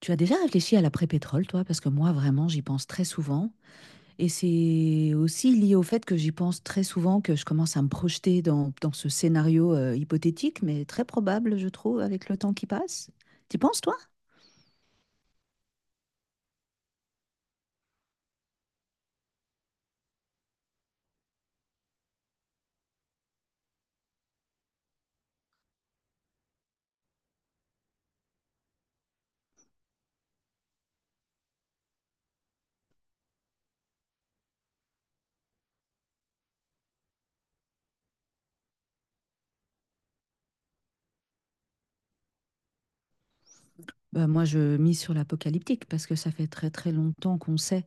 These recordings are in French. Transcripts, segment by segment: Tu as déjà réfléchi à l'après-pétrole, toi? Parce que moi, vraiment, j'y pense très souvent. Et c'est aussi lié au fait que j'y pense très souvent, que je commence à me projeter dans ce scénario hypothétique, mais très probable, je trouve, avec le temps qui passe. T'y penses, toi? Bah, moi, je mise sur l'apocalyptique parce que ça fait très très longtemps qu'on sait.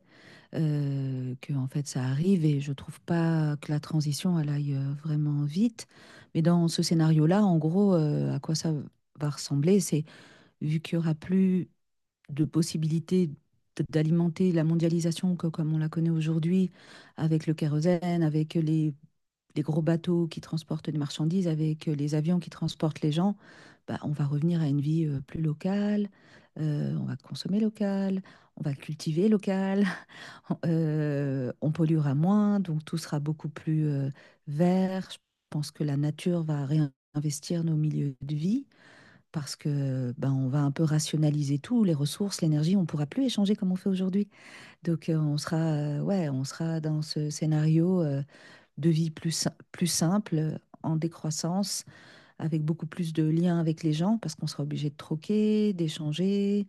Que en fait ça arrive et je trouve pas que la transition elle aille, vraiment vite. Mais dans ce scénario-là, en gros, à quoi ça va ressembler, c'est vu qu'il y aura plus de possibilités d'alimenter la mondialisation co comme on la connaît aujourd'hui, avec le kérosène, avec les gros bateaux qui transportent des marchandises, avec les avions qui transportent les gens. Bah, on va revenir à une vie plus locale, on va consommer local, on va cultiver local, on polluera moins, donc tout sera beaucoup plus vert. Je pense que la nature va réinvestir nos milieux de vie parce que ben, on va un peu rationaliser tout, les ressources, l'énergie, on ne pourra plus échanger comme on fait aujourd'hui. Donc on sera, ouais, on sera dans ce scénario de vie plus, plus simple, en décroissance, avec beaucoup plus de liens avec les gens, parce qu'on sera obligé de troquer, d'échanger,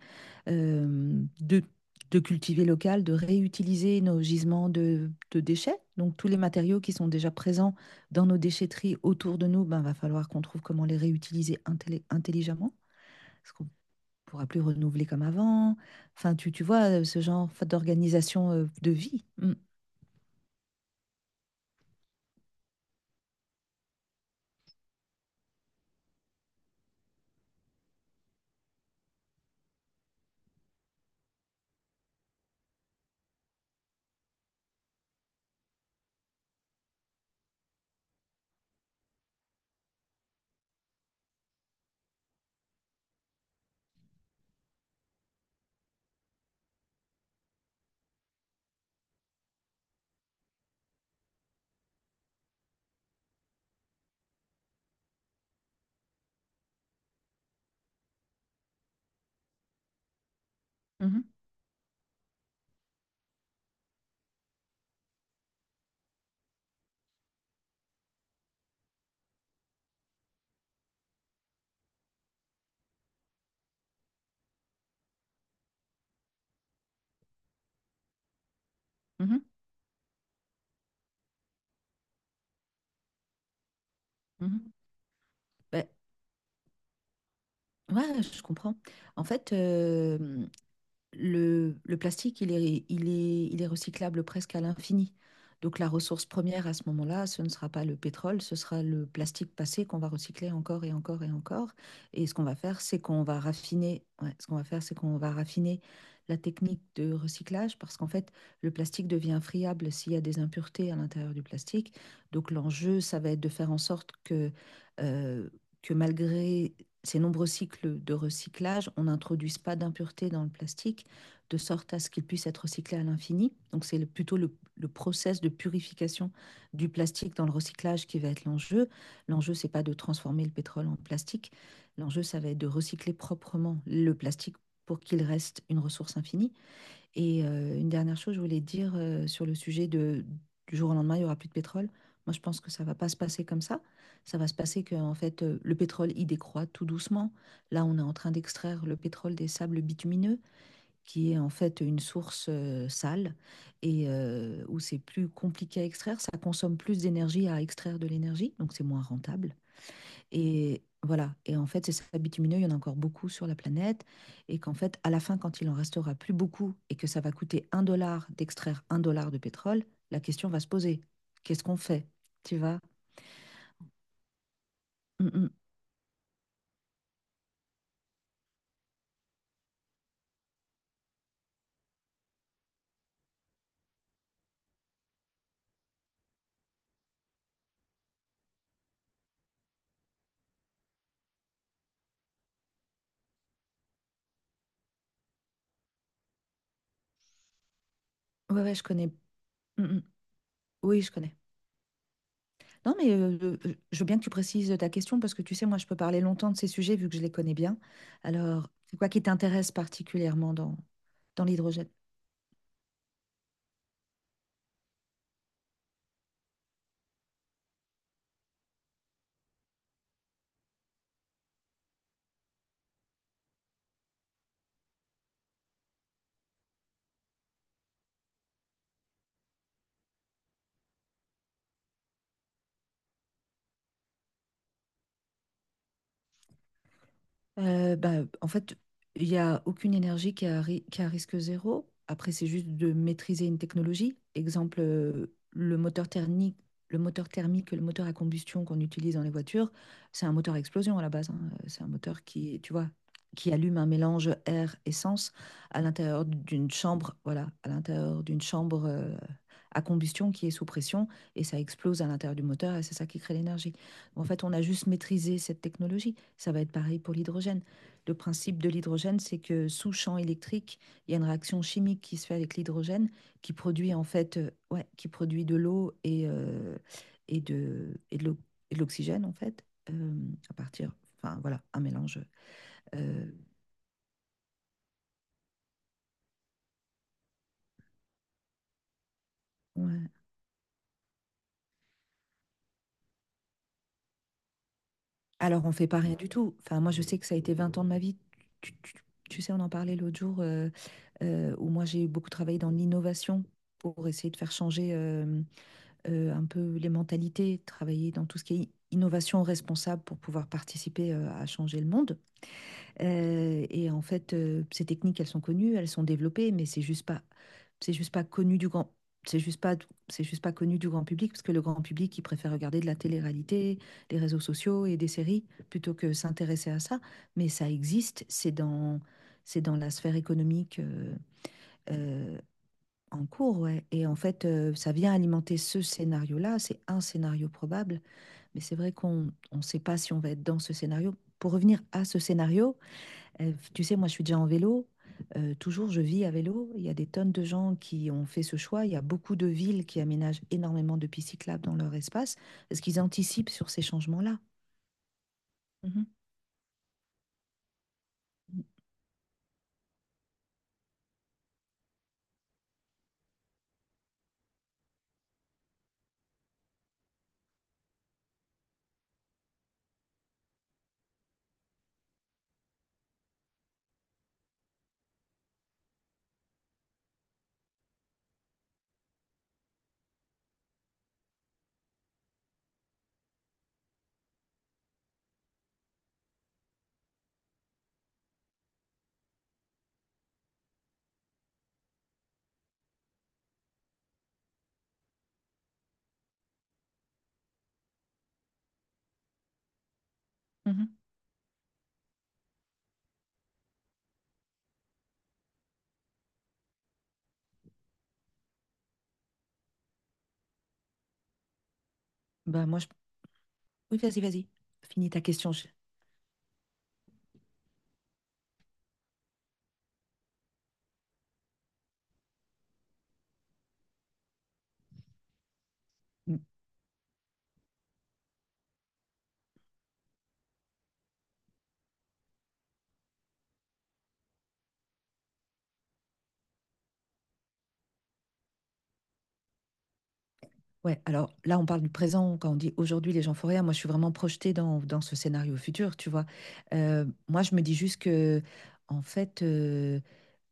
euh, de, de cultiver local, de réutiliser nos gisements de déchets. Donc tous les matériaux qui sont déjà présents dans nos déchetteries autour de nous, ben, va falloir qu'on trouve comment les réutiliser intelligemment, parce qu'on ne pourra plus renouveler comme avant. Enfin, tu vois, ce genre d'organisation de vie. Mm. Mhm, mhm, mhm. Ben, ouais, je comprends. En fait, le plastique, il est recyclable presque à l'infini. Donc la ressource première à ce moment-là, ce ne sera pas le pétrole, ce sera le plastique passé qu'on va recycler encore et encore et encore. Et ce qu'on va faire, c'est qu'on va raffiner, ouais, ce qu'on va faire, c'est qu'on va raffiner la technique de recyclage parce qu'en fait, le plastique devient friable s'il y a des impuretés à l'intérieur du plastique. Donc l'enjeu, ça va être de faire en sorte euh, que malgré ces nombreux cycles de recyclage, on n'introduise pas d'impuretés dans le plastique de sorte à ce qu'il puisse être recyclé à l'infini. Donc c'est plutôt le process de purification du plastique dans le recyclage qui va être l'enjeu. L'enjeu, c'est pas de transformer le pétrole en plastique. L'enjeu, ça va être de recycler proprement le plastique pour qu'il reste une ressource infinie. Et une dernière chose, je voulais dire sur le sujet du jour au lendemain, il n'y aura plus de pétrole. Moi, je pense que ça ne va pas se passer comme ça. Ça va se passer que, en fait, le pétrole, il décroît tout doucement. Là, on est en train d'extraire le pétrole des sables bitumineux, qui est en fait une source sale et où c'est plus compliqué à extraire, ça consomme plus d'énergie à extraire de l'énergie, donc c'est moins rentable. Et voilà, et en fait, ces sables bitumineux, il y en a encore beaucoup sur la planète, et qu'en fait, à la fin, quand il en restera plus beaucoup et que ça va coûter 1 $ d'extraire 1 $ de pétrole, la question va se poser. Qu'est-ce qu'on fait? Tu vois? Mm, mm. Ouais, ouais, je connais. Mm, mm. Oui, je connais. Non, mais je veux bien que tu précises ta question parce que tu sais, moi, je peux parler longtemps de ces sujets vu que je les connais bien. Alors, c'est quoi qui t'intéresse particulièrement dans l'hydrogène? Bah, en fait, il n'y a aucune énergie qui a risque zéro. Après, c'est juste de maîtriser une technologie. Exemple, le moteur thermique, le moteur à combustion qu'on utilise dans les voitures, c'est un moteur à explosion à la base. Hein. C'est un moteur qui, tu vois, qui allume un mélange air-essence à l'intérieur d'une chambre, voilà, à l'intérieur d'une chambre à combustion, qui est sous pression, et ça explose à l'intérieur du moteur et c'est ça qui crée l'énergie. En fait, on a juste maîtrisé cette technologie. Ça va être pareil pour l'hydrogène. Le principe de l'hydrogène, c'est que sous champ électrique, il y a une réaction chimique qui se fait avec l'hydrogène, qui produit en fait, ouais, qui produit de l'eau et de l'o- et de l'oxygène en fait, euh, à partir, enfin voilà, un mélange. euh, ouais. Alors on fait pas rien du tout. Enfin moi je sais que ça a été 20 ans de ma vie. Tu, tu- tu sais, on en parlait l'autre jour, où moi j'ai beaucoup travaillé dans l'innovation pour essayer de faire changer, un peu les mentalités, travailler dans tout ce qui est innovation responsable pour pouvoir participer à changer le monde. Et en fait, ces techniques, elles sont connues, elles sont développées, mais c'est juste pas connu du grand, c'est juste pas, c'est juste pas connu du grand public, parce que le grand public, il préfère regarder de la télé-réalité, les réseaux sociaux et des séries plutôt que s'intéresser à ça. Mais ça existe, c'est dans la sphère économique. euh, en cours, ouais. Et en fait, ça vient alimenter ce scénario-là. C'est un scénario probable, mais c'est vrai qu'on ne sait pas si on va être dans ce scénario. Pour revenir à ce scénario, tu sais, moi, je suis déjà en vélo. Toujours, je vis à vélo. Il y a des tonnes de gens qui ont fait ce choix. Il y a beaucoup de villes qui aménagent énormément de pistes cyclables dans leur espace parce qu'ils anticipent sur ces changements-là. Mhm. Mhm. Bah, moi, je... Oui, vas-y, vas-y. Finis ta question. Mmh. Ouais, alors là, on parle du présent, quand on dit aujourd'hui les gens font rien, moi je suis vraiment projetée dans ce scénario futur, tu vois. Moi, je me dis juste que, en fait, euh,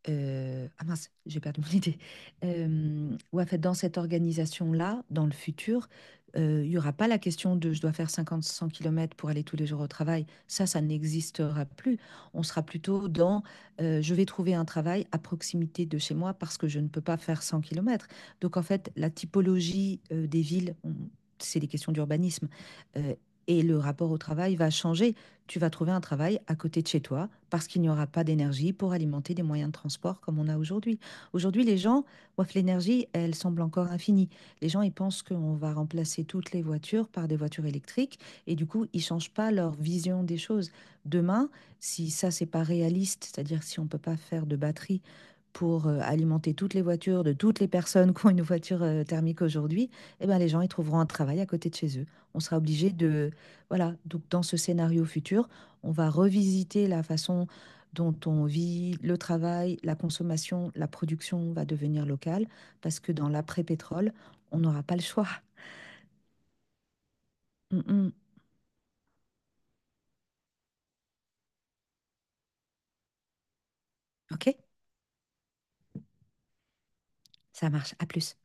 euh, ah mince, j'ai perdu mon idée. Ouais, en fait, dans cette organisation-là, dans le futur, il n'y aura pas la question de je dois faire 50-100 km pour aller tous les jours au travail. Ça n'existera plus. On sera plutôt dans, je vais trouver un travail à proximité de chez moi parce que je ne peux pas faire 100 km. Donc, en fait, la typologie des villes, c'est des questions d'urbanisme, euh, et le rapport au travail va changer. Tu vas trouver un travail à côté de chez toi parce qu'il n'y aura pas d'énergie pour alimenter des moyens de transport comme on a aujourd'hui. Aujourd'hui, les gens, ouaf, l'énergie, elle semble encore infinie. Les gens, ils pensent qu'on va remplacer toutes les voitures par des voitures électriques et du coup, ils changent pas leur vision des choses. Demain, si ça, c'est pas réaliste, c'est-à-dire si on peut pas faire de batterie pour alimenter toutes les voitures de toutes les personnes qui ont une voiture thermique aujourd'hui, eh ben, les gens ils trouveront un travail à côté de chez eux. On sera obligé de, voilà, donc dans ce scénario futur, on va revisiter la façon dont on vit, le travail, la consommation, la production va devenir locale, parce que dans l'après-pétrole, on n'aura pas le choix. Mm, mm. Ok? Ça marche, à plus.